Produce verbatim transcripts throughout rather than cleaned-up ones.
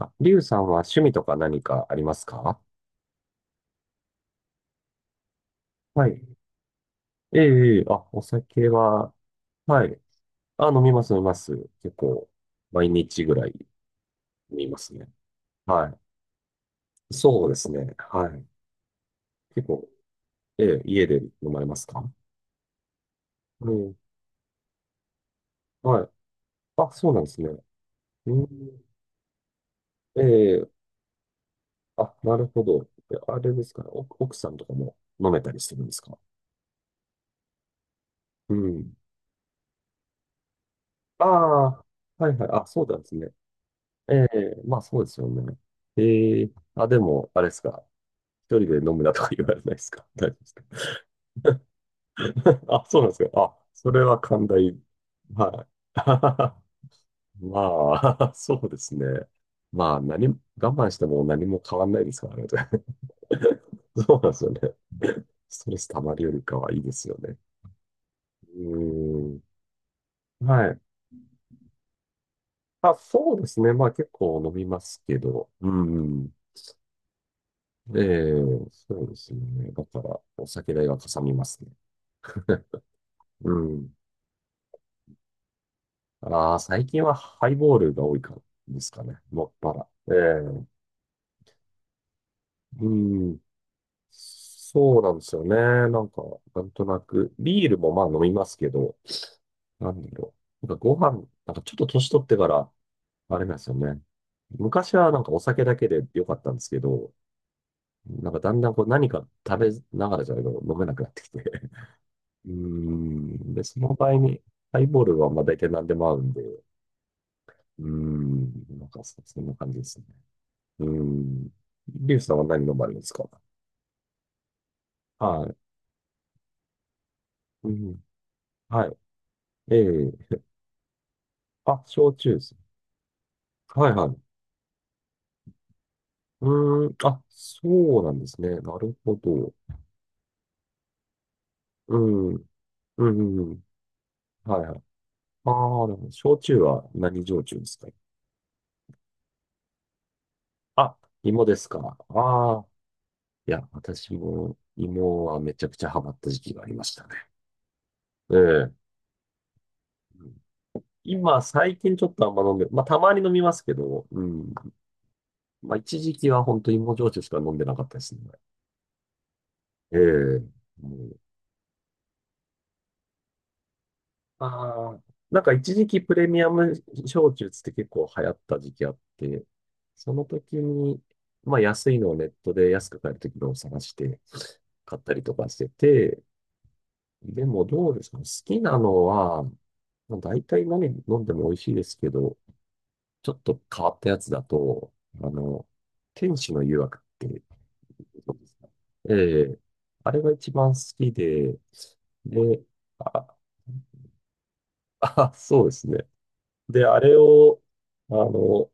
あ、リュウさんは趣味とか何かありますか？はい。ええ、ええ、あ、お酒は、はい。あ、飲みます、飲みます。結構、毎日ぐらい飲みますね。はい。そうですね。はい。結構、ええ、家で飲まれますか？うん。はい。あ、そうなんですね。うん。ええ、あ、なるほど。え、あれですかね。お奥さんとかも飲めたりするんですか？うん。ああ、はいはい。あ、そうなんですね。ええ、まあそうですよね。ええ、あ、でも、あれですか。ひとりで飲むなとか言われないですか？ 大丈夫ですか？ あ、そうなんですか。あ、それは寛大。はい。まあ、そうですね。まあ、何、我慢しても何も変わんないですからね。そうなんですよね。ストレス溜まるよりかはいいですよね。うーん。はい。あ、そうですね。まあ結構飲みますけど。うん。ええ、そうですね。だから、お酒代がかさみますね。うん。ああ、最近はハイボールが多いからですかね。もっぱら。ええ、うん。そうなんですよね。なんか、なんとなく、ビールもまあ飲みますけど、なんだろう。なんかご飯、なんかちょっと年取ってから、あれなんですよね。昔はなんかお酒だけで良かったんですけど、なんかだんだんこう何か食べながらじゃないと飲めなくなってきて、うーん。で、その場合に、ハイボールはまあ大体何でも合うんで、うーん。なんかそ、そんな感じですね。うーん。リュウさんは何飲まれるんですか？はい。うん。はい。ええ、あ、焼酎です。はいはい。うーん。あ、そうなんですね。なるほど。うん。うん。うん、はいはい。ああ、でも、焼酎は何焼酎ですか？あ、芋ですか。ああ。いや、私も芋はめちゃくちゃハマった時期がありましたね。ええ、今、最近ちょっとあんま飲んで、まあ、たまに飲みますけど、うん。まあ、一時期は本当に芋焼酎しか飲んでなかったですね。ええ、もう、ああ、なんか一時期プレミアム焼酎つって結構流行った時期あって、その時に、まあ、安いのをネットで安く買える時のを探して買ったりとかしてて、でもどうですかね、好きなのは、まあ、大体何飲んでも美味しいですけど、ちょっと変わったやつだと、あの、天使の誘惑。そうですね。ええ、あれが一番好きで、で、あ、あ、そうですね。で、あれを、あの、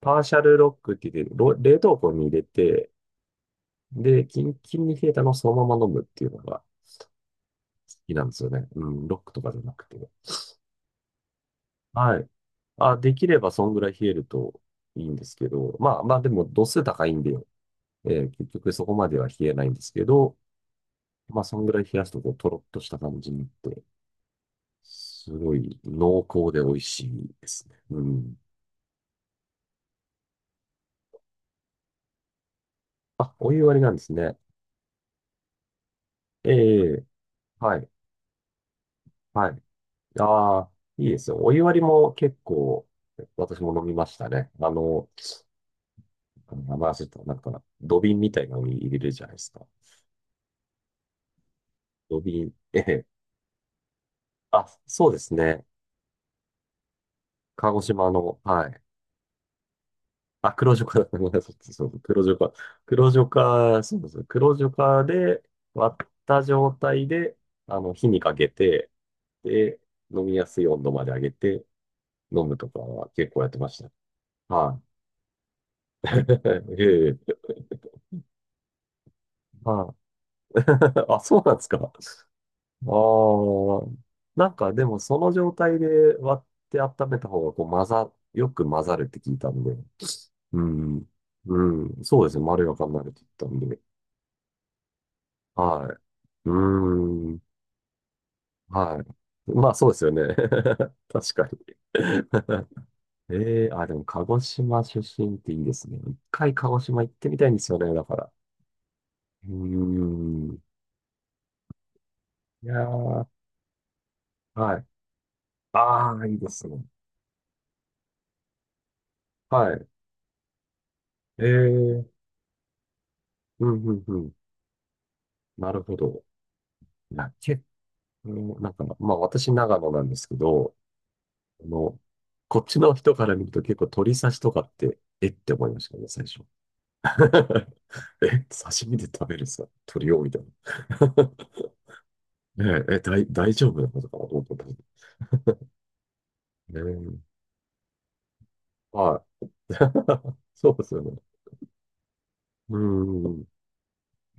パーシャルロックって言って、ろ冷凍庫に入れて、で、キンキンに冷えたのをそのまま飲むっていうのが好きなんですよね。うん、ロックとかじゃなくて。はい。あ、できればそんぐらい冷えるといいんですけど、まあまあでも度数高いんで、えー結局そこまでは冷えないんですけど、まあそんぐらい冷やすとこうトロッとした感じになって、すごい濃厚で美味しいですね。うん。あ、お湯割りなんですね。ええ、はい、はい。ああ、いいですよ。お湯割りも結構、私も飲みましたね。あの、名前忘れた、なんか、土瓶みたいなのに入れるじゃないですか。土瓶、ええ。あ、そうですね。鹿児島の、はい。あ、黒ジョカだ。ごめんなさい。そう、黒ジョカ。黒ジョカ、そうです。黒ジョカで割った状態で、あの、火にかけて、で、飲みやすい温度まで上げて飲むとかは結構やってました。はい。ええ、はい。あ、そうなんですか。ああ。なんかでもその状態で割って温めた方がこう混ざ、よく混ざるって聞いたんで。うん。うん。そうですね。まろやかになるって言ったんで。はい。うーん。はい。まあそうですよね。確かに。ええ、あ、でも、鹿児島出身っていいですね。いっかい鹿児島行ってみたいんですよね、だから。うーん。いやー、はい。ああ、いいですね。はい。ええ、うん、うん、うん。なるほど。いや、結構、なんか、まあ、私、長野なんですけど、あの、こっちの人から見ると結構鳥刺しとかって、えって思いましたね、最初。え、刺身で食べるさ、鳥をみたいな。ねえ、え、大、大丈夫なことかなと思ったんですけどね。はい。そうですよね。うん。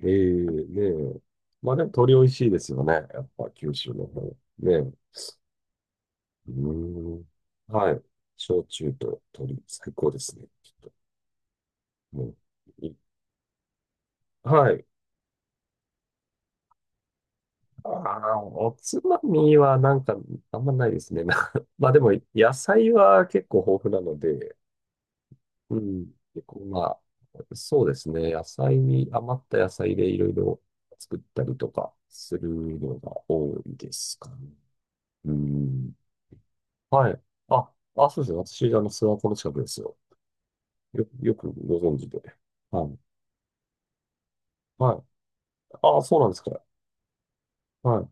ええ、ねえ。まあでも鳥美味しいですよね。やっぱ九州の方。ねえ。うん。はい。焼酎と鳥、最高ですね。きっと。もう、い、はい。ああ、おつまみはなんかあんまないですね。な まあでも野菜は結構豊富なので、うん。結構まあ、そうですね。野菜に、余った野菜でいろいろ作ったりとかするのが多いですかね。うん。はい。あ、あ、そうですね。私、あの、諏訪湖の近くですよ。よ、よくご存知で。はい。はい。あ、そうなんですか。は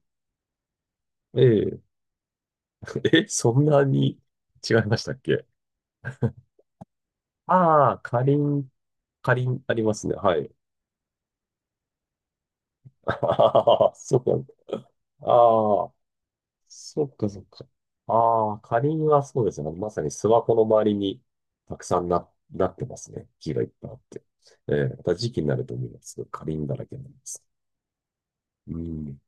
い。ええ、え、そんなに違いましたっけ？ああ、かりん、かりんありますね。はい。ああ、そうなんだ。ああ、そっかそっか。ああ、カリンはそうですね。まさに諏訪湖の周りにたくさんな、なってますね。木がいっぱいあって。ええ、また時期になると思います。すごいカリンだらけになります。うん。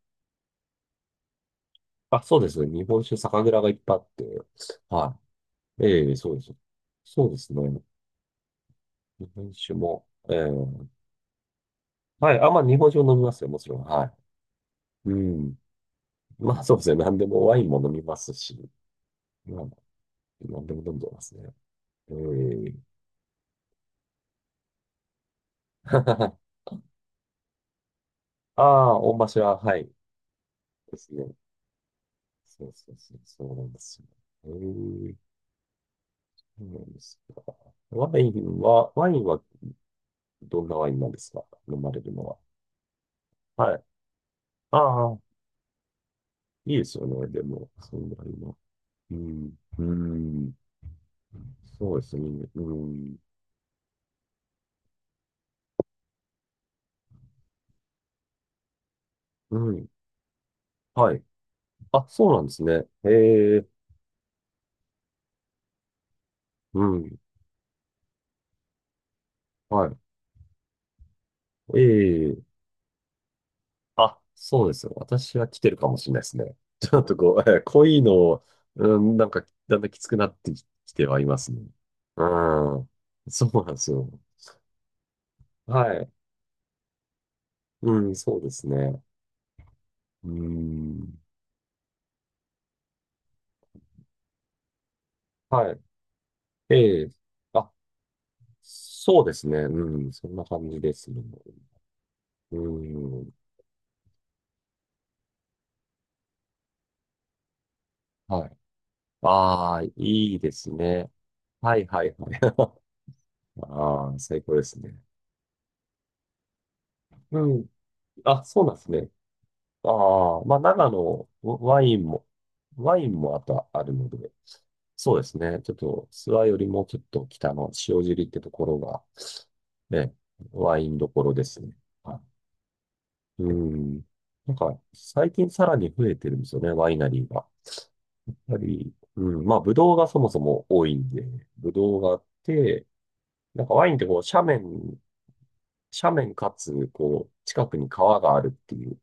あ、そうですね。日本酒、酒蔵がいっぱいあって。はい。ええ、そうです。そうですね。日本酒も、ええ、はい。あ、まあ、日本酒も飲みますよ。もちろん。はい。うん。まあ、そうですね。何でもワインも飲みますし、まあ、何でも飲んでますね。ええ。ああ、御柱、はい。ですね。そうそうそう、そうなんですよ。えー、そうなんですか。ワインは、ワインはどんなワインなんですか？飲まれるのは。はい。ああ、いいですよね。でも、そんなにも。うん。うん。そうですね。うん。うん。はい。あ、そうなんですね。ええ、うん。はい。ええ、あ、そうですよ。私は来てるかもしれないですね。ちょっとこう、えー濃いのを、うん、なんか、だんだんきつくなってききてはいますね。うん。そうなんですよ。はい。うん、そうですね。うん。はい。ええ。あ、そうですね。うん、そんな感じですね。うん。はい。ああ、いいですね。はいはいはい。ああ、最高ですね。うん。あ、そうなんですね。ああ、まあ、長野、ワインも、ワインもあとあるので、そうですね。ちょっと、諏訪よりもちょっと北の塩尻ってところが、ね、ワインどころですね。はい。うん。なんか、最近さらに増えてるんですよね、ワイナリーが。やっぱり、うん、まあ、ブドウがそもそも多いんで、ブドウがあって、なんかワインってこう、斜面、斜面かつ、こう、近くに川があるっていう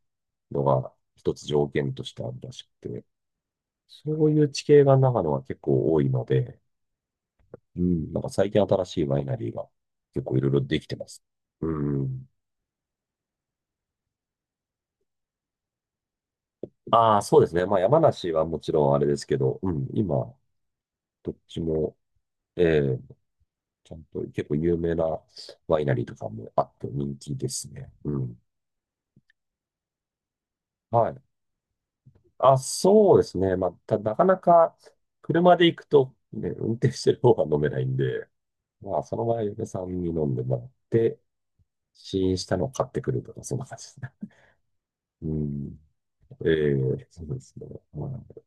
のが、ひとつ条件としてあるらしくて、そういう地形が長野は結構多いので、うん、なんか最近新しいワイナリーが結構いろいろできてます。うん。ああ、そうですね。まあ山梨はもちろんあれですけど、うん、今、どっちも、ええ、ちゃんと結構有名なワイナリーとかもあって人気ですね。うん。はい。あ、そうですね。まあ、た、なかなか車で行くと、ね、運転してる方が飲めないんで、まあ、その場合、嫁さんに飲んでもらって、試飲したのを買ってくるとか、そんな感じですね。うん。ええ、そうですね。はい。